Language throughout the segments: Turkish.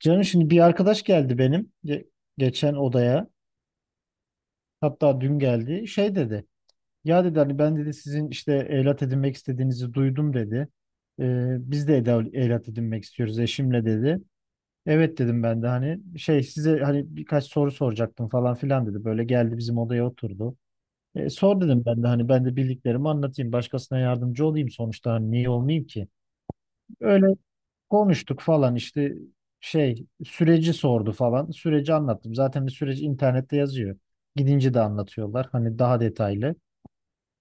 Canım şimdi bir arkadaş geldi benim geçen odaya. Hatta dün geldi. Şey dedi. Ya dedi hani ben dedi sizin işte evlat edinmek istediğinizi duydum dedi. Biz de evlat edinmek istiyoruz eşimle dedi. Evet dedim ben de hani şey size hani birkaç soru soracaktım falan filan dedi. Böyle geldi bizim odaya oturdu. Sor dedim ben de bildiklerimi anlatayım. Başkasına yardımcı olayım sonuçta hani niye olmayayım ki? Öyle. Konuştuk falan işte şey süreci sordu falan. Süreci anlattım. Zaten bir süreci internette yazıyor. Gidince de anlatıyorlar. Hani daha detaylı.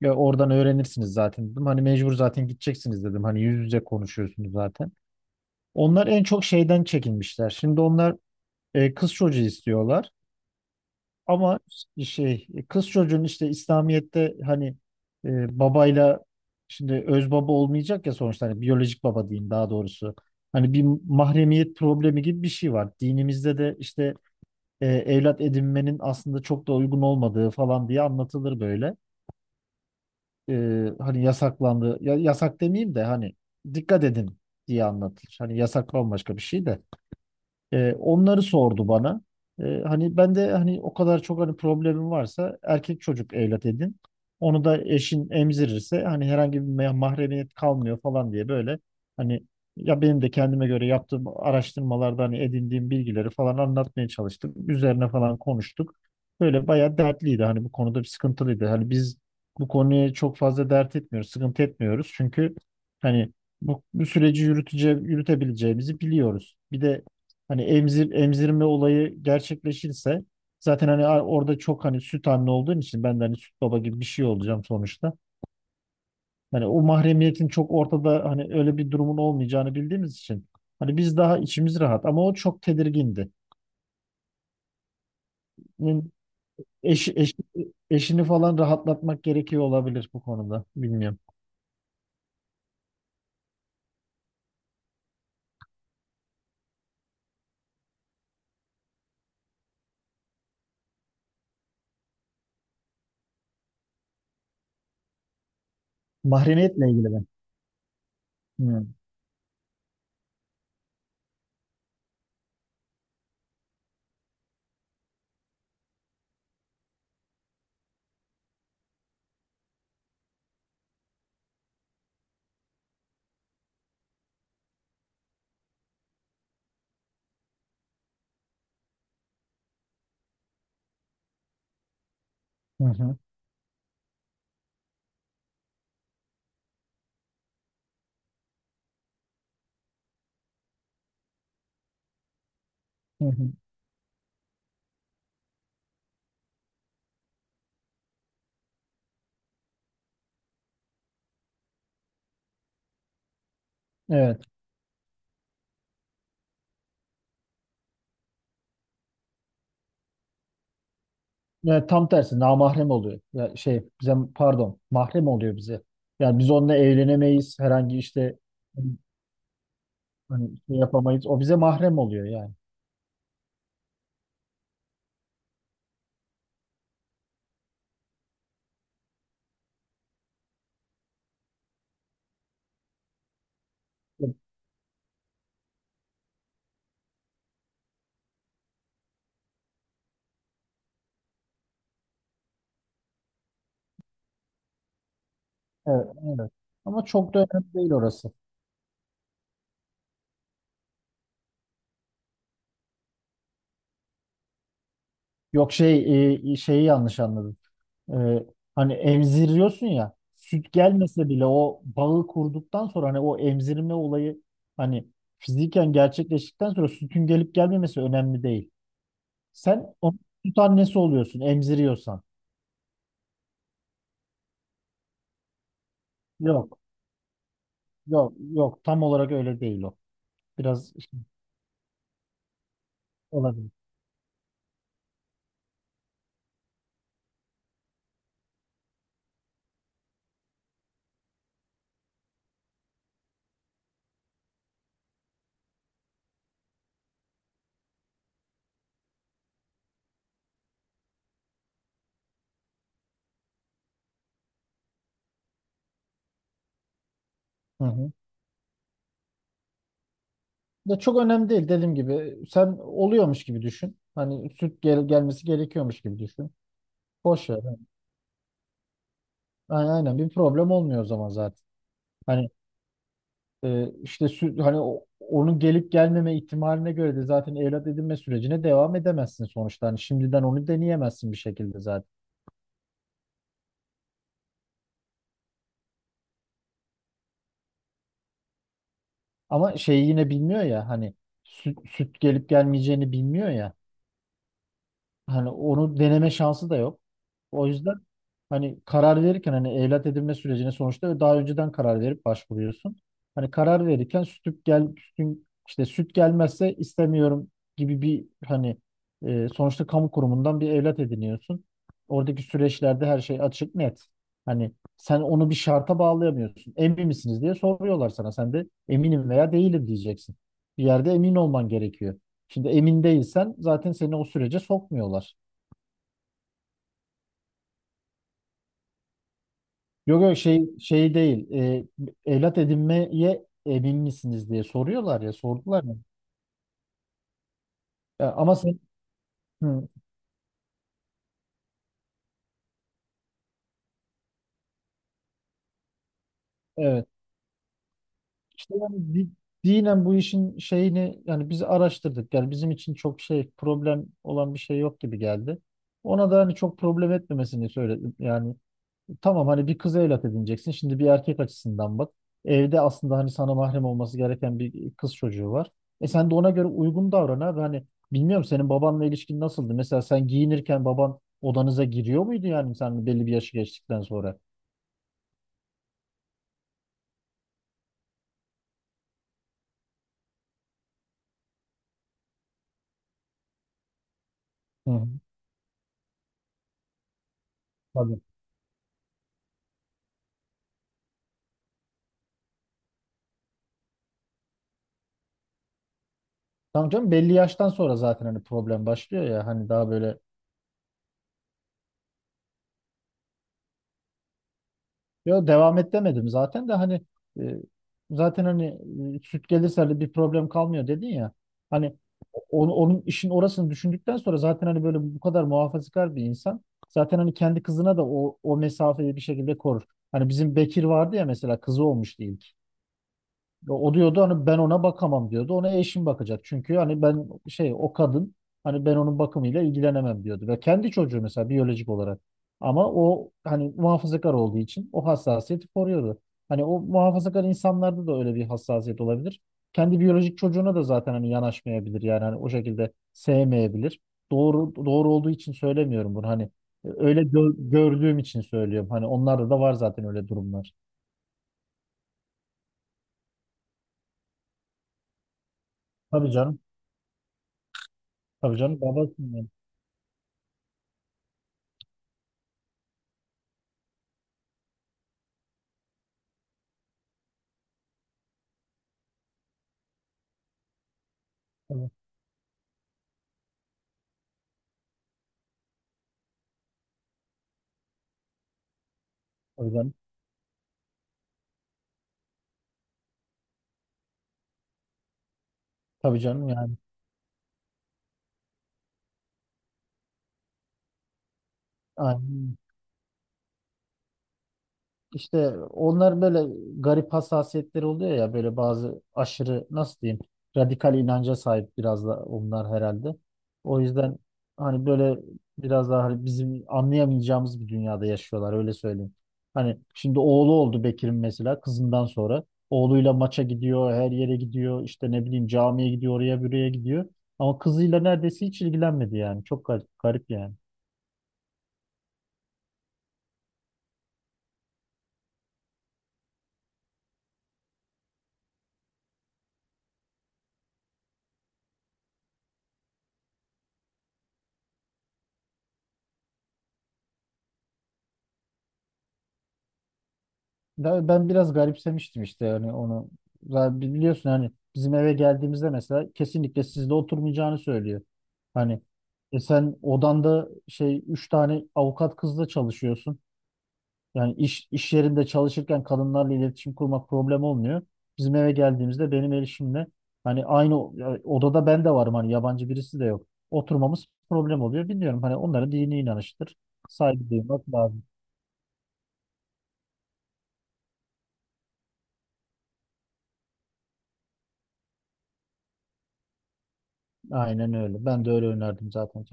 Ya oradan öğrenirsiniz zaten dedim. Hani mecbur zaten gideceksiniz dedim. Hani yüz yüze konuşuyorsunuz zaten. Onlar en çok şeyden çekinmişler. Şimdi onlar kız çocuğu istiyorlar. Ama işte şey kız çocuğun işte İslamiyet'te hani babayla şimdi öz baba olmayacak ya sonuçta hani biyolojik baba diyeyim daha doğrusu. Hani bir mahremiyet problemi gibi bir şey var. Dinimizde de işte evlat edinmenin aslında çok da uygun olmadığı falan diye anlatılır böyle. E, hani yasaklandı ya, yasak demeyeyim de hani dikkat edin diye anlatılır. Hani yasak bambaşka bir şey de. Onları sordu bana. Hani ben de hani o kadar çok hani problemim varsa erkek çocuk evlat edin. Onu da eşin emzirirse hani herhangi bir mahremiyet kalmıyor falan diye böyle hani ya benim de kendime göre yaptığım araştırmalarda hani edindiğim bilgileri falan anlatmaya çalıştım. Üzerine falan konuştuk. Böyle bayağı dertliydi hani bu konuda bir sıkıntılıydı. Hani biz bu konuya çok fazla dert etmiyoruz, sıkıntı etmiyoruz. Çünkü hani bu süreci yürütebileceğimizi biliyoruz. Bir de hani emzirme olayı gerçekleşirse zaten hani orada çok hani süt anne olduğun için ben de hani süt baba gibi bir şey olacağım sonuçta. Hani o mahremiyetin çok ortada hani öyle bir durumun olmayacağını bildiğimiz için hani biz daha içimiz rahat ama o çok tedirgindi. Yani Eşi, eşi- eşini falan rahatlatmak gerekiyor olabilir bu konuda. Bilmiyorum. Mahremiyetle ilgili ben. Hı hı. Hı hı. Evet. Ya tam tersi namahrem oluyor. Ya şey bize pardon mahrem oluyor bize. Yani biz onunla evlenemeyiz. Herhangi işte hani şey yapamayız. O bize mahrem oluyor yani. Evet, evet. Evet. Ama çok da önemli değil orası. Yok şey şeyi yanlış anladın. E, hani emziriyorsun ya süt gelmese bile o bağı kurduktan sonra hani o emzirme olayı hani fiziken gerçekleştikten sonra sütün gelip gelmemesi önemli değil. Sen onun süt annesi oluyorsun emziriyorsan. Yok. Yok yok tam olarak öyle değil o. Biraz işte olabilir. Hı hı. Ya çok önemli değil dediğim gibi. Sen oluyormuş gibi düşün. Hani süt gelmesi gerekiyormuş gibi düşün. Boş ver. Aynen, aynen bir problem olmuyor o zaman zaten. Hani işte süt hani onun gelip gelmeme ihtimaline göre de zaten evlat edinme sürecine devam edemezsin sonuçta. Hani şimdiden onu deneyemezsin bir şekilde zaten. Ama şeyi yine bilmiyor ya hani süt gelip gelmeyeceğini bilmiyor ya. Hani onu deneme şansı da yok. O yüzden hani karar verirken hani evlat edinme sürecine sonuçta daha önceden karar verip başvuruyorsun. Hani karar verirken sütün işte süt gelmezse istemiyorum gibi bir hani sonuçta kamu kurumundan bir evlat ediniyorsun. Oradaki süreçlerde her şey açık net. Hani sen onu bir şarta bağlayamıyorsun. Emin misiniz diye soruyorlar sana. Sen de eminim veya değilim diyeceksin. Bir yerde emin olman gerekiyor. Şimdi emin değilsen zaten seni o sürece sokmuyorlar. Yok yok şey değil. Evlat edinmeye emin misiniz diye soruyorlar ya sordular mı? Ya ama sen. Hı, evet. İşte yani dinen bu işin şeyini yani biz araştırdık. Yani bizim için çok şey problem olan bir şey yok gibi geldi. Ona da hani çok problem etmemesini söyledim. Yani tamam hani bir kıza evlat edineceksin. Şimdi bir erkek açısından bak. Evde aslında hani sana mahrem olması gereken bir kız çocuğu var. Sen de ona göre uygun davran abi. Hani bilmiyorum senin babanla ilişkin nasıldı? Mesela sen giyinirken baban odanıza giriyor muydu yani sen belli bir yaşı geçtikten sonra? Hı hı. Tabii. Tamam canım belli yaştan sonra zaten hani problem başlıyor ya hani daha böyle. Yo, devam et demedim zaten de hani e, zaten hani süt gelirse de bir problem kalmıyor dedin ya. Hani onun işin orasını düşündükten sonra zaten hani böyle bu kadar muhafazakar bir insan zaten hani kendi kızına da o mesafeyi bir şekilde korur. Hani bizim Bekir vardı ya mesela kızı olmuştu ilk. O diyordu hani ben ona bakamam diyordu. Ona eşim bakacak. Çünkü hani ben şey o kadın hani ben onun bakımıyla ilgilenemem diyordu. Ve kendi çocuğu mesela biyolojik olarak. Ama o hani muhafazakar olduğu için o hassasiyeti koruyordu. Hani o muhafazakar insanlarda da öyle bir hassasiyet olabilir. Kendi biyolojik çocuğuna da zaten hani yanaşmayabilir yani hani o şekilde sevmeyebilir. Doğru olduğu için söylemiyorum bunu hani öyle gördüğüm için söylüyorum. Hani onlarda da var zaten öyle durumlar. Tabii canım. Tabii canım babasın yani. Tabii canım. Tabii canım yani. Aynen. İşte onlar böyle garip hassasiyetleri oluyor ya böyle bazı aşırı nasıl diyeyim radikal inanca sahip biraz da onlar herhalde. O yüzden hani böyle biraz daha hani bizim anlayamayacağımız bir dünyada yaşıyorlar öyle söyleyeyim. Hani şimdi oğlu oldu Bekir'in mesela kızından sonra. Oğluyla maça gidiyor, her yere gidiyor, işte ne bileyim camiye gidiyor, oraya buraya gidiyor. Ama kızıyla neredeyse hiç ilgilenmedi yani. Çok garip, garip yani. Ben biraz garipsemiştim işte yani onu. Zaten biliyorsun hani bizim eve geldiğimizde mesela kesinlikle sizde oturmayacağını söylüyor. Hani sen odanda şey üç tane avukat kızla çalışıyorsun. Yani iş yerinde çalışırken kadınlarla iletişim kurmak problem olmuyor. Bizim eve geldiğimizde benim erişimle hani aynı ya odada ben de varım hani yabancı birisi de yok. Oturmamız problem oluyor. Bilmiyorum hani onların dini inanıştır. Saygı duymak lazım. Aynen öyle. Ben de öyle önerdim zaten.